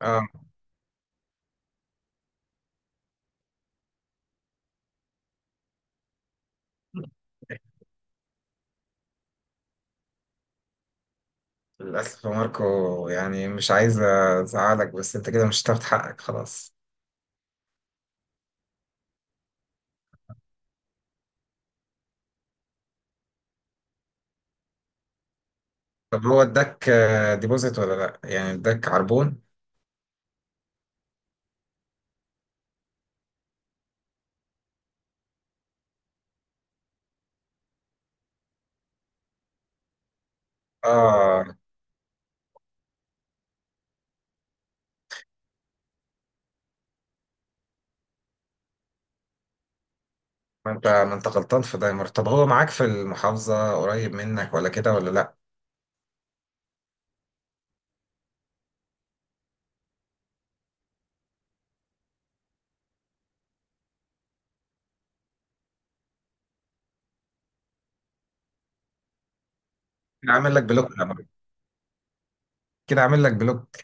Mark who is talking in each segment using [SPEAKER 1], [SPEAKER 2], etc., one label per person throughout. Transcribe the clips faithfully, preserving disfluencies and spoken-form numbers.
[SPEAKER 1] اه، للأسف يا ماركو. يعني مش عايز أزعلك، بس أنت كده مش هتاخد حقك خلاص. طب هو اداك آه، ديبوزيت ولا لأ؟ يعني اداك عربون؟ اه، ما أنت ما أنت غلطان في ده يا ماركو. طب هو معاك في المحافظة، قريب منك، ولا كده ولا لأ؟ كده عامل لك بلوك يا ماركو. كده عامل لك بلوك.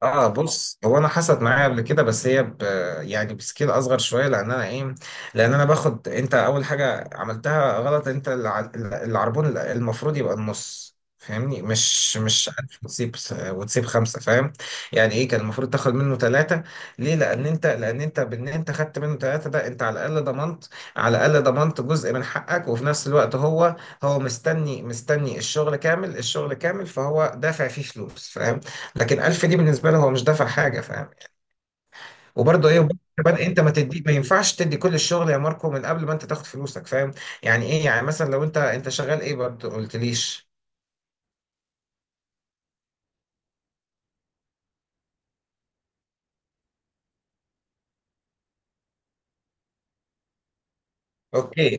[SPEAKER 1] اه، بص، هو انا حصلت معايا قبل كده، بس هي ب... يعني بسكيل اصغر شويه، لان انا ايه، لان انا باخد. انت اول حاجه عملتها غلط، انت الع... العربون المفروض يبقى النص، فاهمني؟ مش مش عارف، وتسيب وتسيب خمسه، فاهم؟ يعني ايه، كان المفروض تاخد منه ثلاثه. ليه؟ لان انت لان انت بان انت خدت منه ثلاثه، ده انت على الاقل ضمنت، على الاقل ضمنت جزء من حقك، وفي نفس الوقت هو هو مستني مستني الشغل كامل الشغل كامل، فهو دافع فيه فلوس، فاهم؟ لكن ألف دي بالنسبه له هو مش دافع حاجه، فاهم؟ وبرضه ايه، وبرضه بدأ انت ما تدي ما ينفعش تدي كل الشغل يا ماركو من قبل ما انت تاخد فلوسك، فاهم؟ يعني ايه، يعني مثلا لو انت انت شغال ايه برضه، قلتليش؟ اوكي.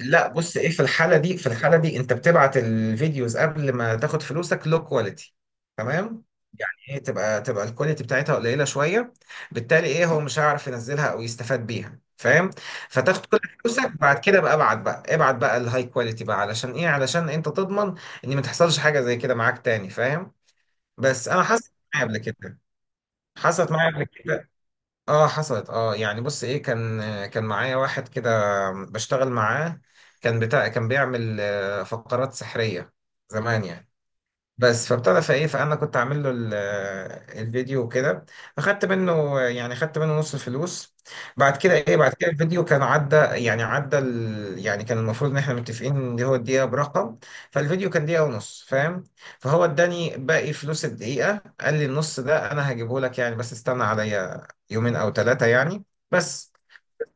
[SPEAKER 1] لا، بص ايه، في الحاله دي، في الحاله دي انت بتبعت الفيديوز قبل ما تاخد فلوسك، لو كواليتي، تمام؟ يعني ايه، تبقى تبقى الكواليتي بتاعتها قليله شويه، بالتالي ايه، هو مش هيعرف ينزلها او يستفاد بيها، فاهم؟ فتاخد كل فلوسك بعد كده. بقى ابعت بقى ابعت بقى الهاي كواليتي بقى، علشان ايه، علشان انت تضمن ان ما تحصلش حاجه زي كده معاك تاني، فاهم؟ بس انا حصلت معايا قبل كده. حصلت معايا قبل كده اه حصلت. اه يعني بص ايه، كان كان معايا واحد كده بشتغل معاه. كان بتاع كان بيعمل آه، فقرات سحرية زمان يعني. بس فابتدى فايه فانا كنت عامل له ال- آه، الفيديو وكده. اخدت منه، يعني اخدت منه نص الفلوس. بعد كده ايه بعد كده الفيديو كان عدى، يعني عدى ال... يعني كان المفروض ان احنا متفقين ان هو الدقيقه برقم. فالفيديو كان دقيقه ونص، فاهم؟ فهو اداني باقي فلوس الدقيقه. قال لي النص ده انا هجيبه لك يعني، بس استنى عليا يومين او ثلاثه يعني. بس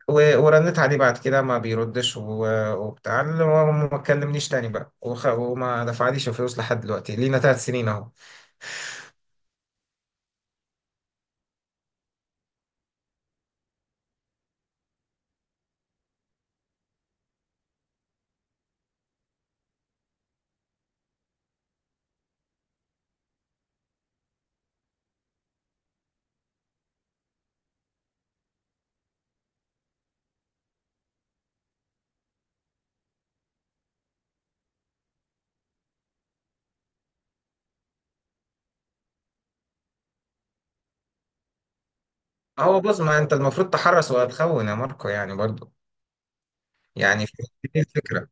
[SPEAKER 1] و- ورنت عليه بعد كده، ما بيردش، و- وبتاع وما ما كلمنيش تاني بقى، وخ- وما دفعليش فلوس لحد دلوقتي. لينا ثلاث سنين اهو. هو بص، ما انت المفروض تحرس وهتخون يا ماركو يعني برضو. يعني في- دي الفكرة.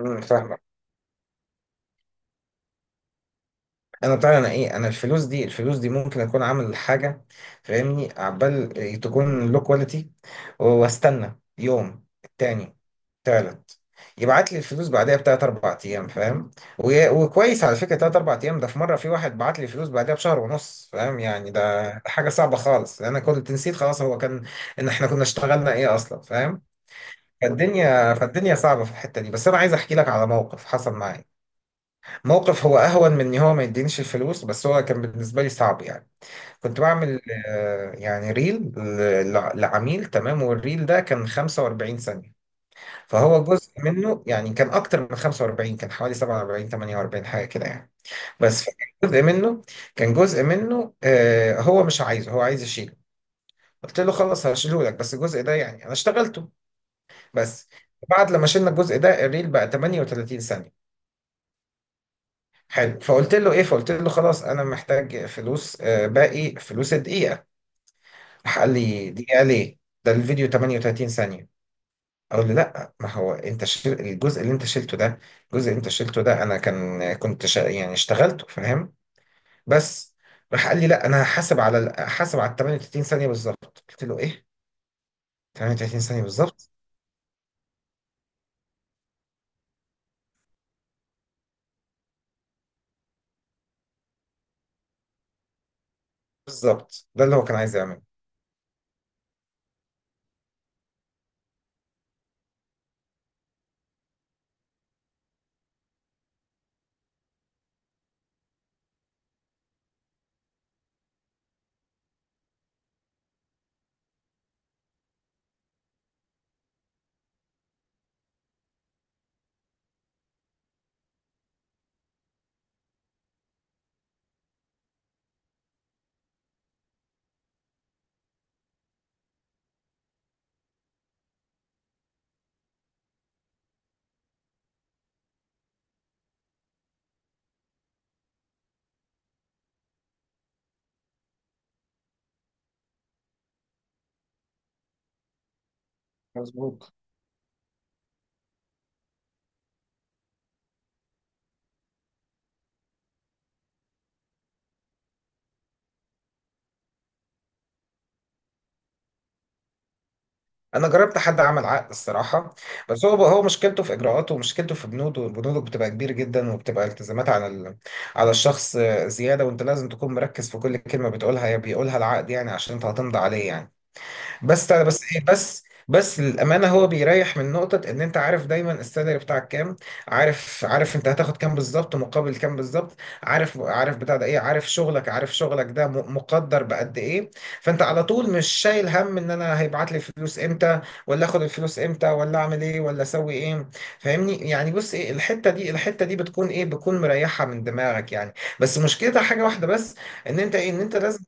[SPEAKER 1] امم فاهمك. انا بتاع انا ايه انا الفلوس دي الفلوس دي ممكن اكون عامل حاجة، فاهمني، عبال تكون لو كواليتي، واستنى يوم التاني، تالت، يبعت لي الفلوس بعدها بتلات أربع أيام، فاهم؟ و- وكويس على فكرة، تلات أربع أيام ده. في مرة في واحد بعت لي الفلوس بعدها بشهر ونص، فاهم؟ يعني ده ده حاجة صعبة خالص، لأن أنا كنت نسيت خلاص هو كان إن إحنا كنا اشتغلنا إيه أصلا، فاهم؟ فالدنيا فالدنيا صعبة في الحتة دي. بس أنا عايز أحكي لك على موقف حصل معايا. موقف هو أهون من إن هو ما يدينيش الفلوس، بس هو كان بالنسبة لي صعب يعني. كنت بعمل آه، يعني ريل ل- لعميل، تمام؟ والريل ده كان خمسة وأربعين ثانية. فهو جزء منه يعني كان اكتر من خمسة وأربعين، كان حوالي سبعة وأربعين تمانية وأربعين حاجه كده يعني. بس كان جزء منه، كان جزء منه آه هو مش عايزه، هو عايز يشيله. قلت له خلاص هشيله لك، بس الجزء ده يعني انا اشتغلته. بس بعد لما شلنا الجزء ده، الريل بقى ثمانية وثلاثين ثانيه. حلو. فقلت له ايه فقلت له خلاص، انا محتاج فلوس، آه باقي فلوس الدقيقه. راح قال لي دقيقه ليه؟ ده الفيديو ثمانية وثلاثين ثانيه. اقول له لا، ما هو انت شيل الجزء اللي انت شلته ده، الجزء اللي انت شلته ده انا كان كنت شا... يعني اشتغلته، فاهم؟ بس راح قال لي لا، انا هحاسب على ال- هحاسب على ال ثمانية وثلاثين ثانيه بالظبط. قلت له ايه؟ ثمانية وثلاثين ثانيه بالظبط؟ بالظبط ده اللي هو كان عايز يعمله. مظبوط. انا جربت حد عمل عقد الصراحه، بس هو هو مشكلته في اجراءاته، ومشكلته في بنوده. بنوده بتبقى كبير جدا، وبتبقى التزامات على ال... على الشخص زياده. وانت لازم تكون مركز في كل كلمه بتقولها يا بيقولها العقد، يعني عشان انت هتمضي عليه يعني. بس بس ايه بس بس للامانه، هو بيريح من نقطه ان انت عارف دايما السالري بتاعك كام، عارف عارف انت هتاخد كام بالظبط مقابل كام بالظبط، عارف عارف بتاع ده ايه عارف شغلك عارف شغلك ده م- مقدر بقد ايه. فانت على طول مش شايل هم ان انا هيبعت لي فلوس امتى، ولا اخد الفلوس امتى، ولا اعمل ايه، ولا اسوي ايه، فاهمني؟ يعني بص ايه، الحته دي، الحته دي بتكون ايه بتكون مريحه من دماغك يعني. بس مشكلتها حاجه واحده بس، ان انت ايه ان انت لازم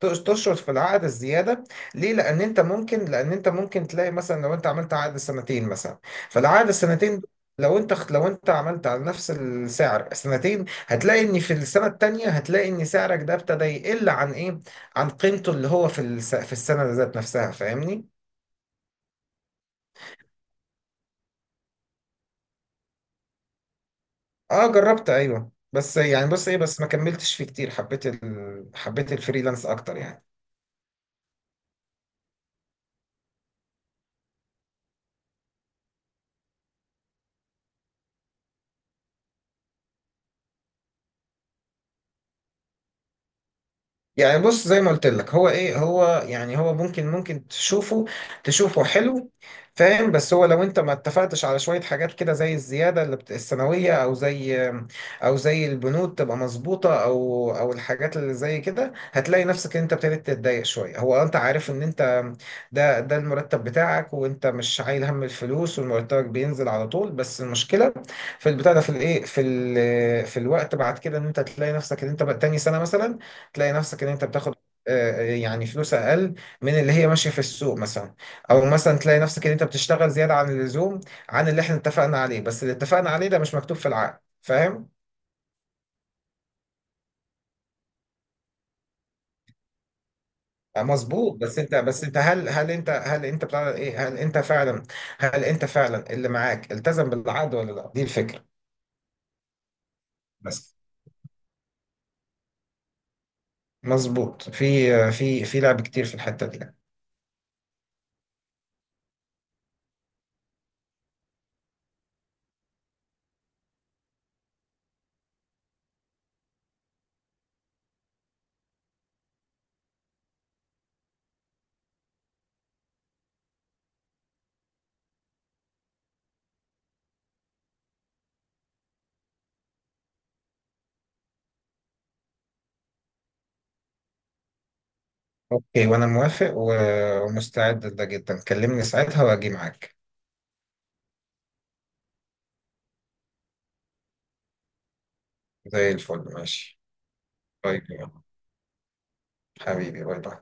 [SPEAKER 1] تقص- تشرط في العقد الزياده. ليه؟ لان انت ممكن لان انت ممكن تلاقي مثلا لو انت عملت عقد سنتين مثلا. فالعقد السنتين دول، لو انت خ- لو انت عملت على نفس السعر سنتين، هتلاقي ان في السنه التانيه، هتلاقي ان سعرك ده ابتدى يقل عن ايه، عن قيمته اللي هو في الس... في السنه ذات نفسها، فاهمني؟ اه، جربت ايوه، بس يعني بص ايه، بس ما كملتش فيه كتير، حبيت ال... حبيت الفريلانس اكتر يعني. يعني بص، زي ما قلت لك، هو ايه، هو يعني هو ممكن، ممكن تشوفه تشوفه حلو، فاهم؟ بس هو لو انت ما اتفقتش على شوية حاجات كده زي الزيادة اللي بت... السنوية، او زي او زي البنود تبقى مظبوطة، او او الحاجات اللي زي كده، هتلاقي نفسك ان انت ابتديت تتضايق شوية. هو انت عارف ان انت ده ده المرتب بتاعك، وانت مش شايل هم الفلوس، ومرتبك بينزل على طول. بس المشكلة في البتاع ده في الايه في ال... في الوقت بعد كده، ان انت تلاقي نفسك ان انت بقى تاني سنة مثلا، تلاقي نفسك ان انت بتاخد آه، آه، يعني فلوس اقل من اللي هي ماشيه في السوق مثلا، او مثلا تلاقي نفسك ان انت بتشتغل زياده عن اللزوم، عن اللي احنا اتفقنا عليه، بس اللي اتفقنا عليه ده مش مكتوب في العقد، فاهم؟ آه، مظبوط. بس انت بس انت هل هل انت هل انت بتاع ايه هل انت فعلا، هل انت فعلا اللي معاك التزم بالعقد ولا لا؟ دي الفكره. بس مظبوط، في في في لعب كتير في الحته دي. اوكي، وانا موافق، و- ومستعد لده جدا. كلمني ساعتها واجي معاك. زي الفل، ماشي. طيب. حبيبي، باي باي.